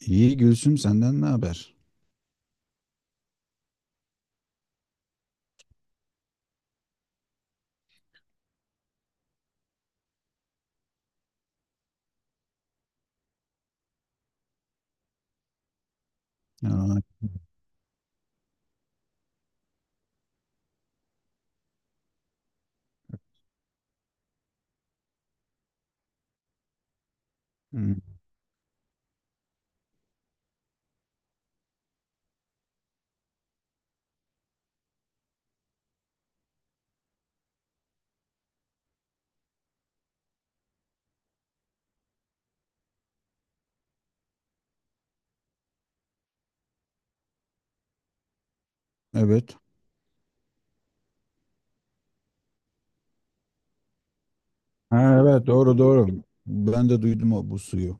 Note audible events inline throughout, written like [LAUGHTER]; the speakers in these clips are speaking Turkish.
İyi Gülsüm senden ne haber? Ya, hı, evet. Ha, evet doğru doğru. Ben de duydum o bu suyu.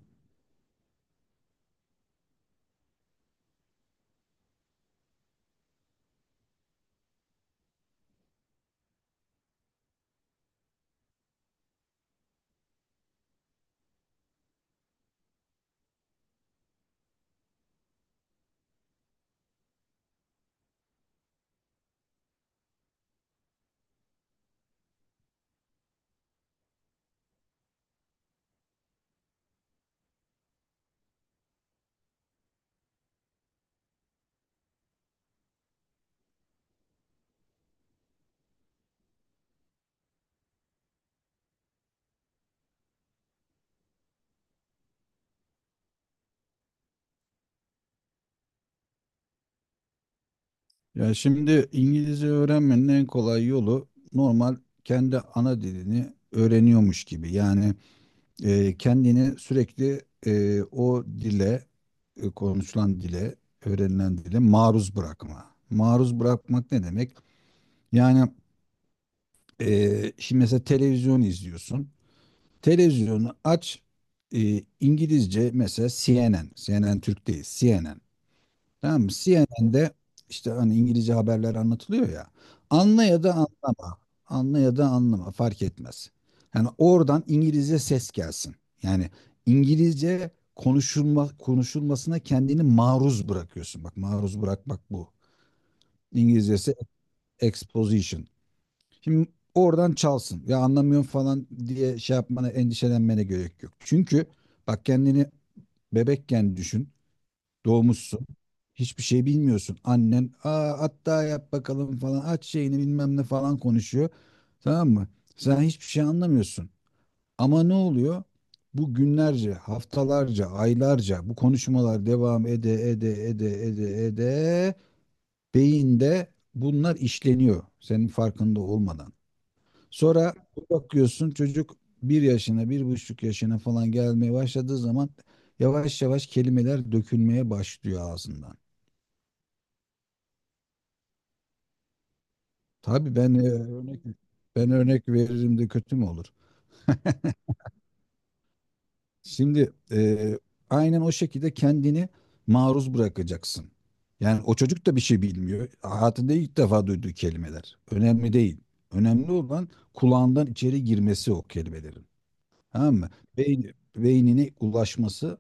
Ya şimdi İngilizce öğrenmenin en kolay yolu normal kendi ana dilini öğreniyormuş gibi. Yani kendini sürekli o dile konuşulan dile, öğrenilen dile maruz bırakma. Maruz bırakmak ne demek? Yani şimdi mesela televizyon izliyorsun. Televizyonu aç. İngilizce mesela CNN. CNN Türk değil. CNN. Tamam mı? CNN'de işte hani İngilizce haberler anlatılıyor ya. Anla ya da anlama. Anla ya da anlama. Fark etmez. Yani oradan İngilizce ses gelsin. Yani İngilizce konuşulmasına kendini maruz bırakıyorsun. Bak maruz bırakmak bu. İngilizcesi exposition. Şimdi oradan çalsın. Ya anlamıyorum falan diye şey yapmana, endişelenmene gerek yok. Çünkü bak kendini bebekken düşün. Doğmuşsun. Hiçbir şey bilmiyorsun. Annen Aa, hatta yap bakalım falan aç şeyini bilmem ne falan konuşuyor. Tamam mı? Sen hiçbir şey anlamıyorsun. Ama ne oluyor? Bu günlerce, haftalarca, aylarca bu konuşmalar devam ede ede ede ede ede beyinde bunlar işleniyor senin farkında olmadan. Sonra bakıyorsun çocuk 1 yaşına, 1,5 yaşına falan gelmeye başladığı zaman yavaş yavaş kelimeler dökülmeye başlıyor ağzından. Tabii ben örnek veririm de kötü mü olur? Şimdi aynen o şekilde kendini maruz bırakacaksın. Yani o çocuk da bir şey bilmiyor. Hayatında ilk defa duyduğu kelimeler. Önemli değil. Önemli olan kulağından içeri girmesi o kelimelerin. Tamam mı? Beyn, beynine ulaşması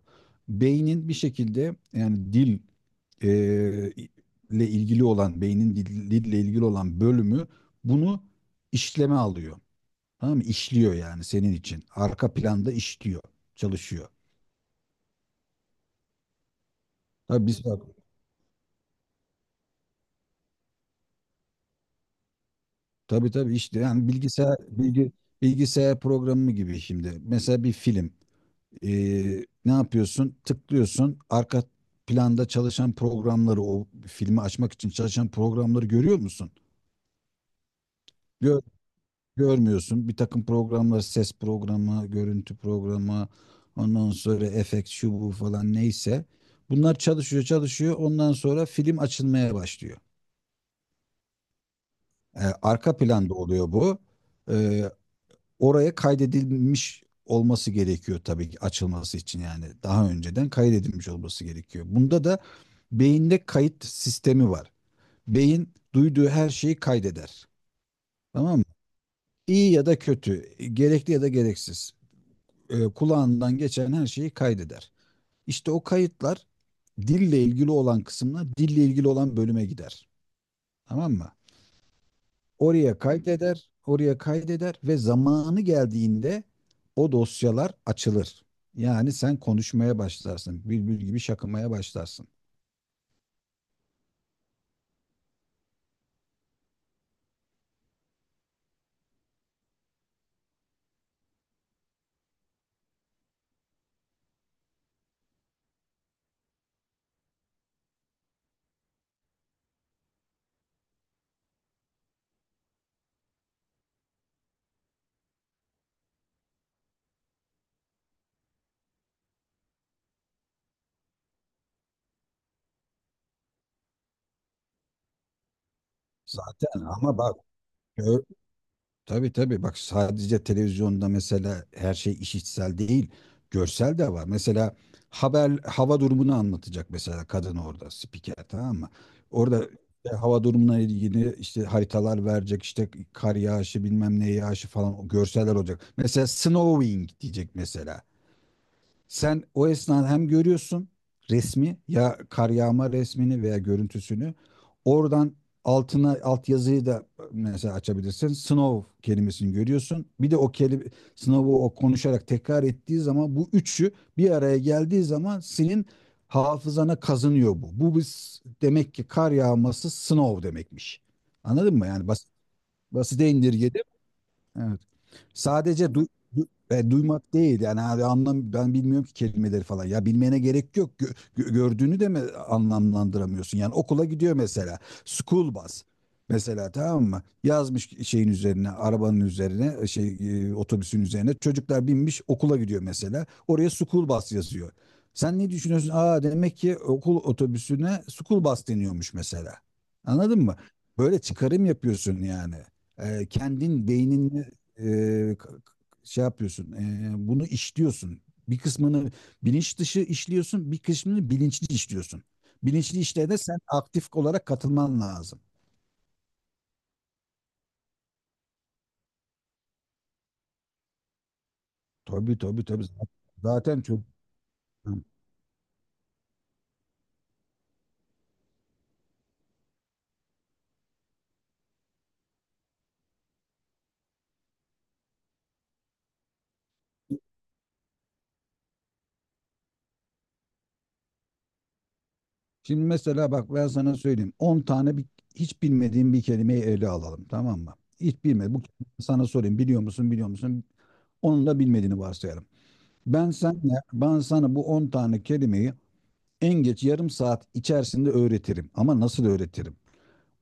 beynin bir şekilde yani dil e, ile ilgili olan beynin dille ilgili olan bölümü bunu işleme alıyor. Tamam mı? İşliyor yani senin için. Arka planda işliyor, çalışıyor. Tabii biz bak tabii tabii işte yani bilgisayar programı gibi şimdi. Mesela bir film. Ne yapıyorsun? Tıklıyorsun. Arka planda çalışan programları, o filmi açmak için çalışan programları görüyor musun? Gör, görmüyorsun. Bir takım programlar, ses programı, görüntü programı, ondan sonra efekt şu bu falan neyse. Bunlar çalışıyor, çalışıyor. Ondan sonra film açılmaya başlıyor. Arka planda oluyor bu. Ee, oraya kaydedilmiş olması gerekiyor tabii ki açılması için yani daha önceden kaydedilmiş olması gerekiyor. Bunda da beyinde kayıt sistemi var. Beyin duyduğu her şeyi kaydeder. Tamam mı? İyi ya da kötü, gerekli ya da gereksiz. Kulağından geçen her şeyi kaydeder. İşte o kayıtlar dille ilgili olan kısımla dille ilgili olan bölüme gider. Tamam mı? Oraya kaydeder, oraya kaydeder ve zamanı geldiğinde o dosyalar açılır. Yani sen konuşmaya başlarsın. Bülbül gibi şakımaya başlarsın. Zaten ama bak ö- tabii tabii bak sadece televizyonda mesela her şey işitsel değil görsel de var. Mesela haber hava durumunu anlatacak mesela kadın orada spiker tamam mı? Orada işte hava durumuna ilgili işte haritalar verecek işte kar yağışı bilmem ne yağışı falan o görseller olacak. Mesela snowing diyecek mesela. Sen o esnada hem görüyorsun resmi ya kar yağma resmini veya görüntüsünü oradan altına alt yazıyı da mesela açabilirsin. Snow kelimesini görüyorsun. Bir de o kelime Snow'u o konuşarak tekrar ettiği zaman bu üçü bir araya geldiği zaman senin hafızana kazınıyor bu. Bu biz demek ki kar yağması snow demekmiş. Anladın mı? Yani basit, basite indirgedim. Evet. Sadece duymak değil yani hani anlam ben bilmiyorum ki kelimeleri falan ya bilmene gerek yok. Gördüğünü de mi anlamlandıramıyorsun yani okula gidiyor mesela school bus mesela tamam mı yazmış şeyin üzerine arabanın üzerine otobüsün üzerine çocuklar binmiş okula gidiyor mesela oraya school bus yazıyor sen ne düşünüyorsun aa demek ki okul otobüsüne school bus deniyormuş mesela anladın mı böyle çıkarım yapıyorsun yani kendin beynin e, bunu işliyorsun. Bir kısmını bilinç dışı işliyorsun, bir kısmını bilinçli işliyorsun. Bilinçli işlerde de sen aktif olarak katılman lazım. Tabii tabii tabii. Zaten çok. Şimdi mesela bak ben sana söyleyeyim. 10 tane hiç bilmediğim bir kelimeyi ele alalım tamam mı? Hiç bilmedi. Bu kelimeyi sana sorayım. Biliyor musun, biliyor musun? Onun da bilmediğini varsayalım. Ben sana, ben sana bu 10 tane kelimeyi en geç yarım saat içerisinde öğretirim. Ama nasıl öğretirim?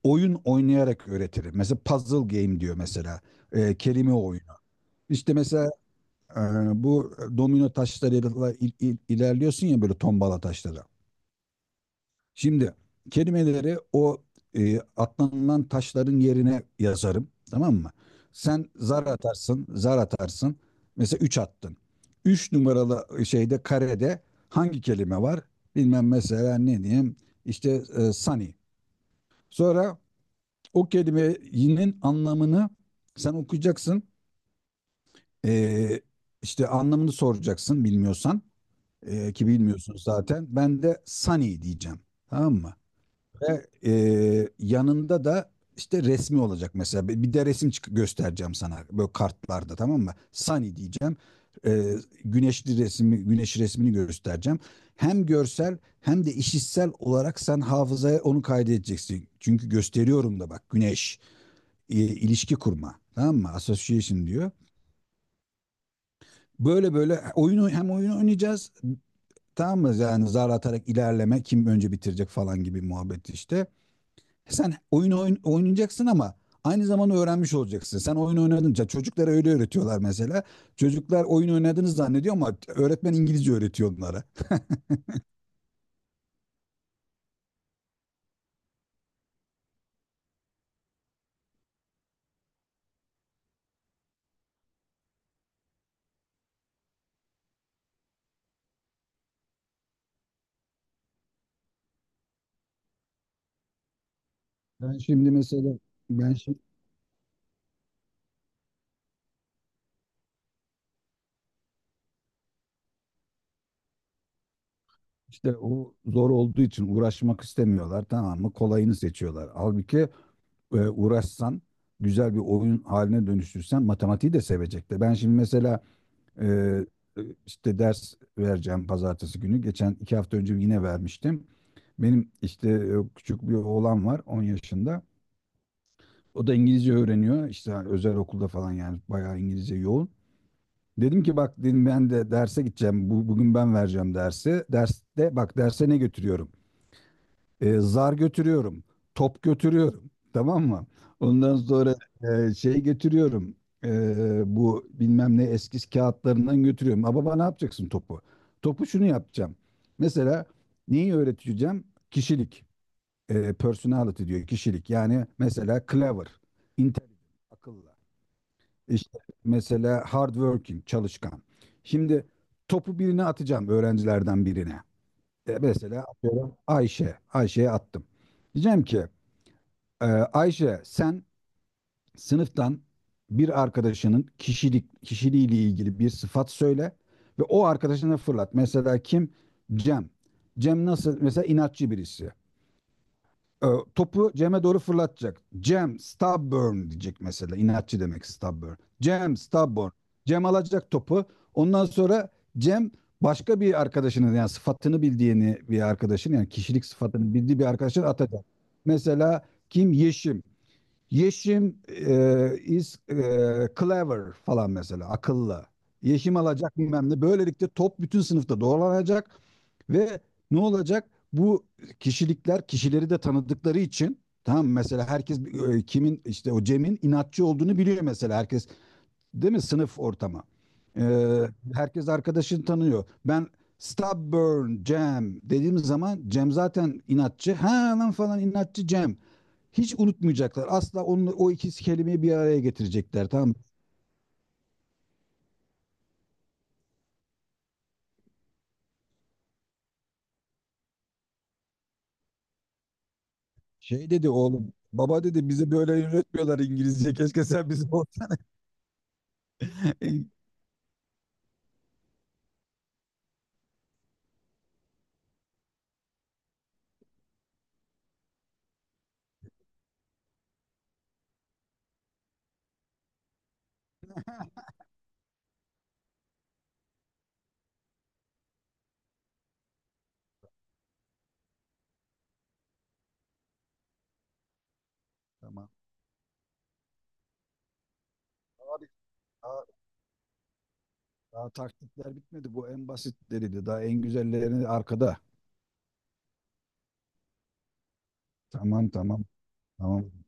Oyun oynayarak öğretirim. Mesela puzzle game diyor mesela. Kelime oyunu. İşte mesela e, bu domino taşlarıyla ilerliyorsun ya böyle tombala taşları. Şimdi kelimeleri o atlanılan taşların yerine yazarım. Tamam mı? Sen zar atarsın, zar atarsın. Mesela 3 attın. 3 numaralı şeyde karede hangi kelime var? Bilmem mesela ne diyeyim? İşte sunny. Sonra o kelimenin anlamını sen okuyacaksın. Ee, işte anlamını soracaksın bilmiyorsan, ki bilmiyorsun zaten. Ben de sunny diyeceğim. Tamam mı? Ve yanında da işte resmi olacak mesela. Bir de resim göstereceğim sana böyle kartlarda tamam mı? Sunny diyeceğim. Ee, güneş resmini göstereceğim. Hem görsel hem de işitsel olarak sen hafızaya onu kaydedeceksin. Çünkü gösteriyorum da bak güneş ilişki kurma. Tamam mı? Association diyor. Böyle böyle hem oyunu oynayacağız. Tamam mı? Yani zar atarak ilerleme kim önce bitirecek falan gibi muhabbet işte. Sen oynayacaksın ama aynı zamanda öğrenmiş olacaksın. Sen oyun oynadınca çocuklara öyle öğretiyorlar mesela. Çocuklar oyun oynadığını zannediyor ama öğretmen İngilizce öğretiyor onlara. [LAUGHS] Ben şimdi mesela ben şimdi işte o zor olduğu için uğraşmak istemiyorlar tamam mı? Kolayını seçiyorlar. Halbuki uğraşsan, güzel bir oyun haline dönüştürsen matematiği de sevecekler. Ben şimdi mesela e, işte ders vereceğim pazartesi günü. Geçen 2 hafta önce yine vermiştim. Benim işte küçük bir oğlan var 10 yaşında. O da İngilizce öğreniyor. İşte özel okulda falan yani bayağı İngilizce yoğun. Dedim ki bak dedim ben de derse gideceğim. Bugün ben vereceğim dersi. Derste bak derse ne götürüyorum? Zar götürüyorum. Top götürüyorum. Tamam mı? Ondan sonra şey götürüyorum. Bu bilmem ne eski kağıtlarından götürüyorum. Ama baba ne yapacaksın topu? Topu şunu yapacağım. Mesela neyi öğreteceğim? Kişilik. Personality diyor kişilik. Yani mesela clever, intelligent, akıllı. İşte mesela hardworking, çalışkan. Şimdi topu birine atacağım öğrencilerden birine. Mesela atıyorum Ayşe. Ayşe'ye attım. Diyeceğim ki Ayşe sen sınıftan bir arkadaşının kişiliğiyle ilgili bir sıfat söyle ve o arkadaşına fırlat. Mesela kim? Cem. Cem nasıl? Mesela inatçı birisi e, topu Cem'e doğru fırlatacak. Cem stubborn diyecek mesela. İnatçı demek stubborn. Cem stubborn. Cem alacak topu. Ondan sonra Cem başka bir arkadaşının yani sıfatını bildiğini bir arkadaşın yani kişilik sıfatını bildiği bir arkadaşın atacak. Mesela kim? Yeşim. Yeşim is clever falan mesela akıllı. Yeşim alacak bilmem ne. Böylelikle top bütün sınıfta dolanacak ve ne olacak? Bu kişilikler kişileri de tanıdıkları için tamam mı? Mesela herkes kimin işte o Cem'in inatçı olduğunu biliyor mesela herkes değil mi sınıf ortamı. E, herkes arkadaşını tanıyor. Ben stubborn Cem dediğim zaman Cem zaten inatçı. Ha lan falan inatçı Cem. Hiç unutmayacaklar. Asla onu, o iki kelimeyi bir araya getirecekler. Tamam. Şey dedi oğlum. Baba dedi bize böyle öğretmiyorlar İngilizce. Keşke sen bize [LAUGHS] Tamam. Abi daha, daha taktikler bitmedi. Bu en basitleriydi. Daha en güzellerini arkada. Tamam tamam. Tamam.